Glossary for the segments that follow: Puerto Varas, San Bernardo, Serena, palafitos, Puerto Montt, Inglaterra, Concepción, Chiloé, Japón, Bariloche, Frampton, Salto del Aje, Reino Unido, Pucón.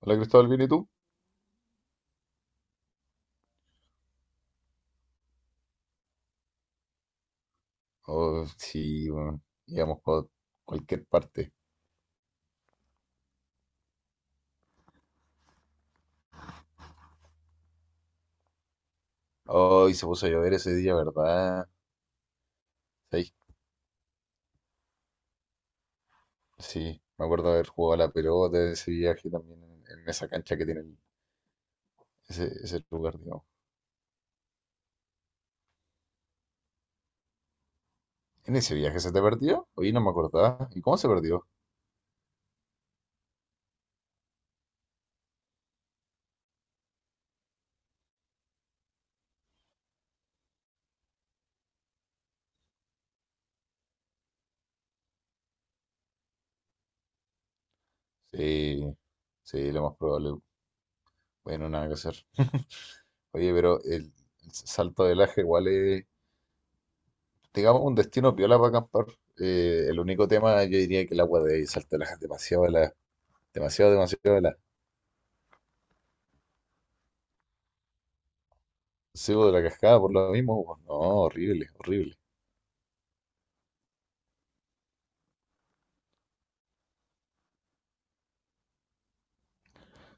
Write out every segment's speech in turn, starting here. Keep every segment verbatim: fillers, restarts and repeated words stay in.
Hola Cristóbal, ¿bien y tú? Oh, sí, bueno, íbamos por cualquier parte. Hoy se puso a llover ese día, ¿verdad? Sí, sí, me acuerdo de haber jugado a la pelota de ese viaje también en, en esa cancha que tiene el- ese, ese lugar, digamos. ¿En ese viaje se te perdió? Oye, no me acordaba. ¿Y cómo se perdió? Sí, sí, lo más probable. Bueno, nada que hacer. Oye, pero el, el Salto del Aje igual es, digamos, un destino piola para acampar. Eh, el único tema, yo diría que el agua de Salto del Aje es demasiado helada. Demasiado, demasiado de la, sí, pues, de la cascada por lo mismo. Pues, no, horrible, horrible.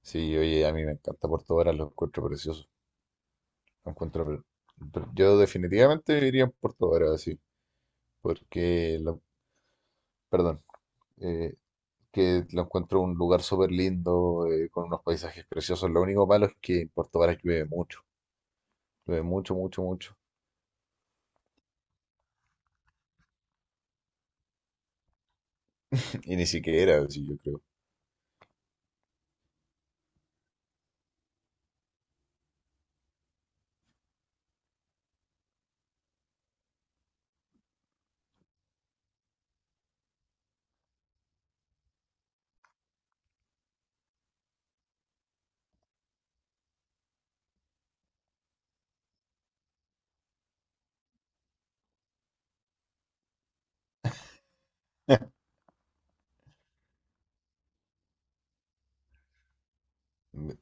Sí, oye, a mí me encanta Puerto Varas, lo encuentro precioso. Lo encuentro pre- pre- Yo definitivamente viviría en Puerto Varas, sí, porque, lo- perdón, eh, que lo encuentro un lugar súper lindo, eh, con unos paisajes preciosos. Lo único malo es que en Puerto Varas llueve mucho, llueve mucho, mucho, mucho. Y ni siquiera, sí, yo creo.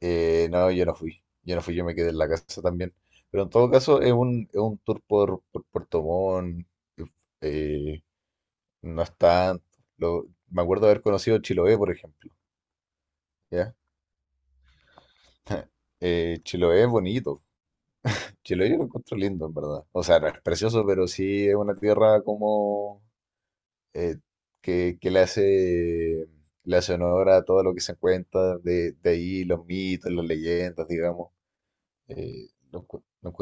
Eh, no, yo no fui. Yo no fui, yo me quedé en la casa también. Pero en todo caso, es un, es un tour por, por Puerto Montt. eh, eh, no es tanto. Lo- me acuerdo de haber conocido Chiloé, por ejemplo. ¿Ya? Eh, Chiloé es bonito. Chiloé yo lo encuentro lindo, en verdad. O sea, no es precioso, pero sí es una tierra como eh, que, que le hace, le hace honor a todo lo que se cuenta de, de ahí, los mitos, las leyendas, digamos. Eh, lo, encu- lo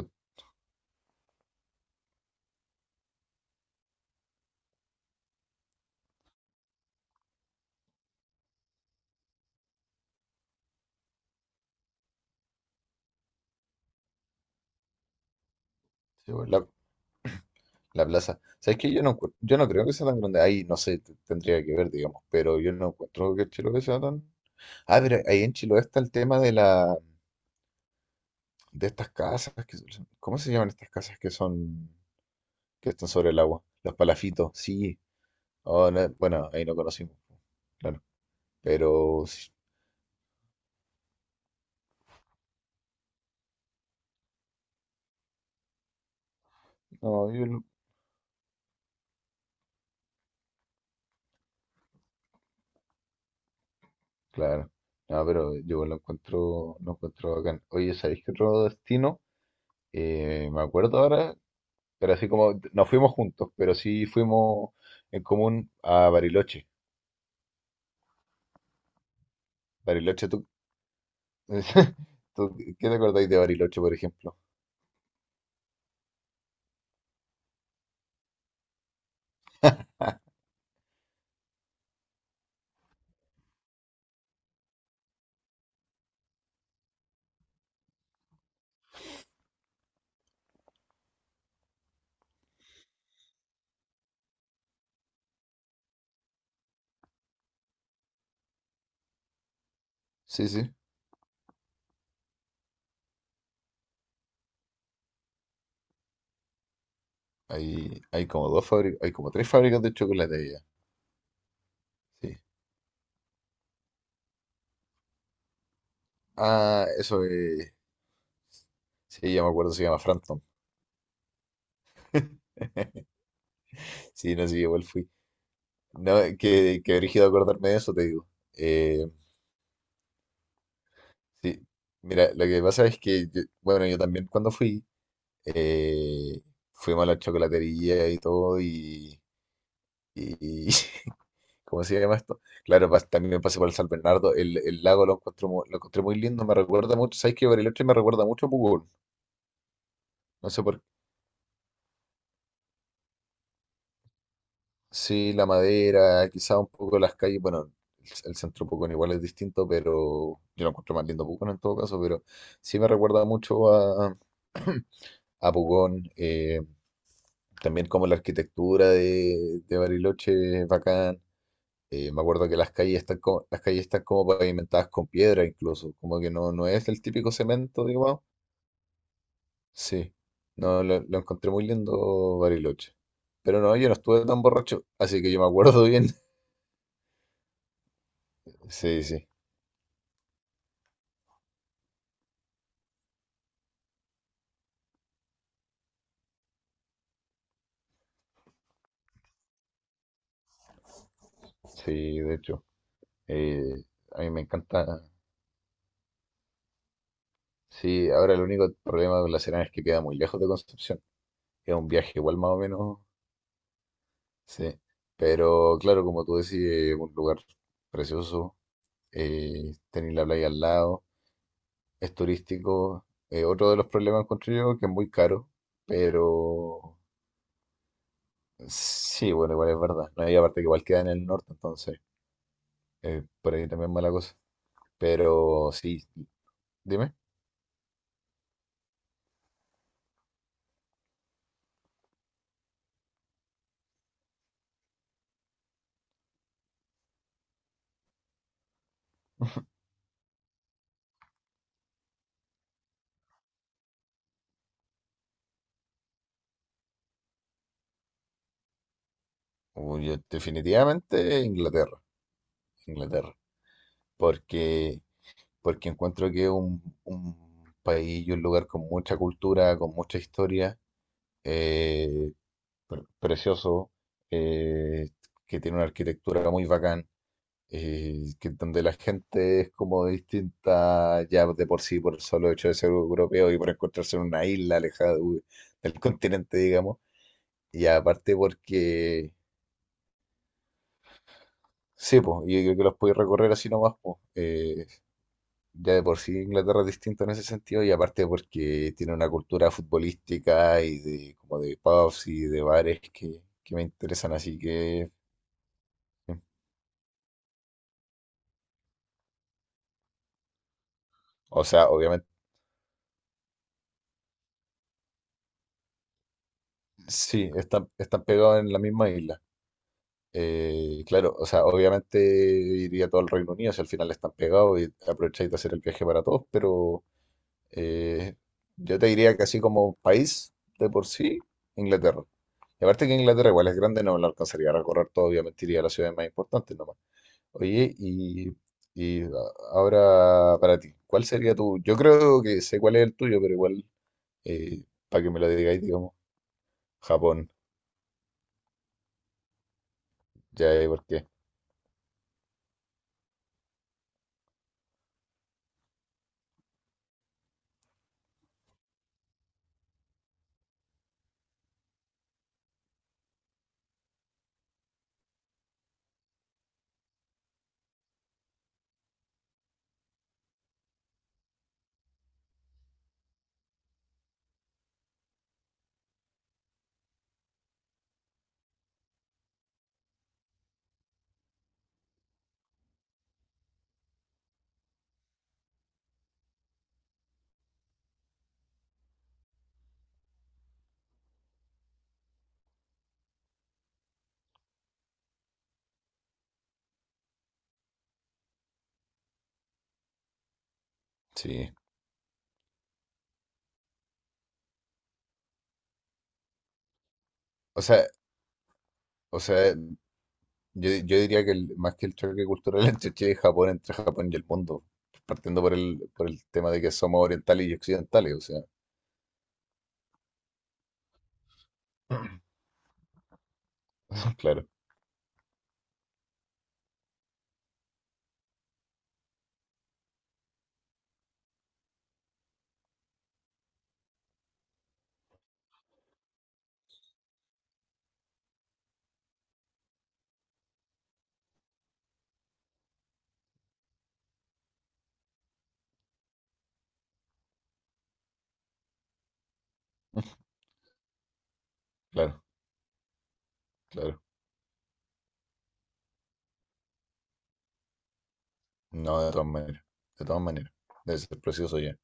encuentro- La plaza. ¿Sabes qué? Yo no, encuent- yo no creo que sea tan grande. Ahí, no sé, t- tendría que ver, digamos, pero yo no encuentro que Chiloé sea tan... Ah, pero ahí en Chiloé está el tema de la... de estas casas que son- ¿Cómo se llaman estas casas que son... que están sobre el agua? Los palafitos, sí. Oh, no, bueno, ahí no conocimos, claro. Pero... sí, no, yo lo- Claro. No, pero yo lo encuentro... lo encuentro bacán. Oye, ¿sabéis qué otro destino? Eh, me acuerdo ahora Pero así como no fuimos juntos, pero sí fuimos en común a Bariloche. Bariloche, tú, tú- ¿qué te acordáis de Bariloche, por ejemplo? Sí, sí. Hay, hay como dos fábricas, hay como tres fábricas de chocolate allá. Sí. Ah, eso es. Sí, ya me acuerdo, se llama Frampton. Sí, no, sí, igual fui. No, que, que brígido acordarme de eso, te digo. Eh, sí, mira, lo que pasa es que, yo- bueno, yo también cuando fui, eh, fuimos a la chocolatería y todo, y, Y, ¿cómo se llama esto? Claro, pas- también me pasé por el San Bernardo. El, el lago lo encuentro, mu- lo encontré muy lindo. Me recuerda mucho, ¿sabes qué? Bariloche me recuerda mucho a Pucón. No sé por qué. Sí, la madera, quizá un poco las calles. Bueno, el, el centro de Pucón igual es distinto, pero yo lo encuentro más lindo Pucón en todo caso. Pero sí me recuerda mucho a, a Pucón. Eh, también como la arquitectura de, de Bariloche es bacán. Eh, me acuerdo que las calles están como, las calles están como pavimentadas con piedra incluso, como que no, no es el típico cemento, digamos. Sí, no, lo, lo encontré muy lindo Bariloche. Pero no, yo no estuve tan borracho, así que yo me acuerdo bien. Sí, sí, sí, de hecho. eh, a mí me encanta. Sí, ahora el único problema con la Serena es que queda muy lejos de Concepción. Es un viaje igual más o menos, sí. Pero claro, como tú decís, es un lugar precioso. Eh, tenéis la playa al lado. Es turístico. Eh, otro de los problemas encuentro yo que es muy caro, pero sí, bueno, igual es verdad. No hay aparte que igual queda en el norte, entonces eh, por ahí también mala cosa. Pero sí, dime. Uy, yo definitivamente Inglaterra, Inglaterra, porque porque encuentro que es un, un país y un lugar con mucha cultura, con mucha historia, eh, precioso, eh, que tiene una arquitectura muy bacán eh, que donde la gente es como distinta ya de por sí, por el solo hecho de ser europeo y por encontrarse en una isla alejada de- del continente, digamos. Y aparte porque, sí, pues, yo creo que los podéis recorrer así nomás, pues. Eh, ya de por sí Inglaterra es distinto en ese sentido y aparte porque tiene una cultura futbolística y de como de pubs y de bares que, que me interesan, así que, o sea, obviamente, sí, están, están pegados en la misma isla. Eh, claro, o sea, obviamente iría todo al Reino Unido, si al final están pegados y aprovecháis de hacer el viaje para todos, pero eh, yo te diría que así como país de por sí, Inglaterra. Y aparte que Inglaterra igual es grande, no lo alcanzaría a recorrer todo, obviamente iría a las ciudades más importantes nomás. Oye, y, y a- ahora para ti, ¿cuál sería tu? Yo creo que sé cuál es el tuyo, pero igual, eh, para que me lo digáis, digamos, Japón, ya, ¿por qué? Sí. O sea, o sea, Yo, yo diría que el- más que el choque cultural entre Chile y Japón, entre Japón y el mundo, partiendo por el, por el tema de que somos orientales y occidentales, o sea, claro, claro, claro. No, de todas maneras, de todas maneras. Debe ser precioso ya.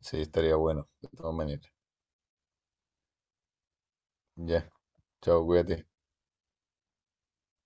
Sí, estaría bueno, de todas maneras. Ya, chao, cuídate.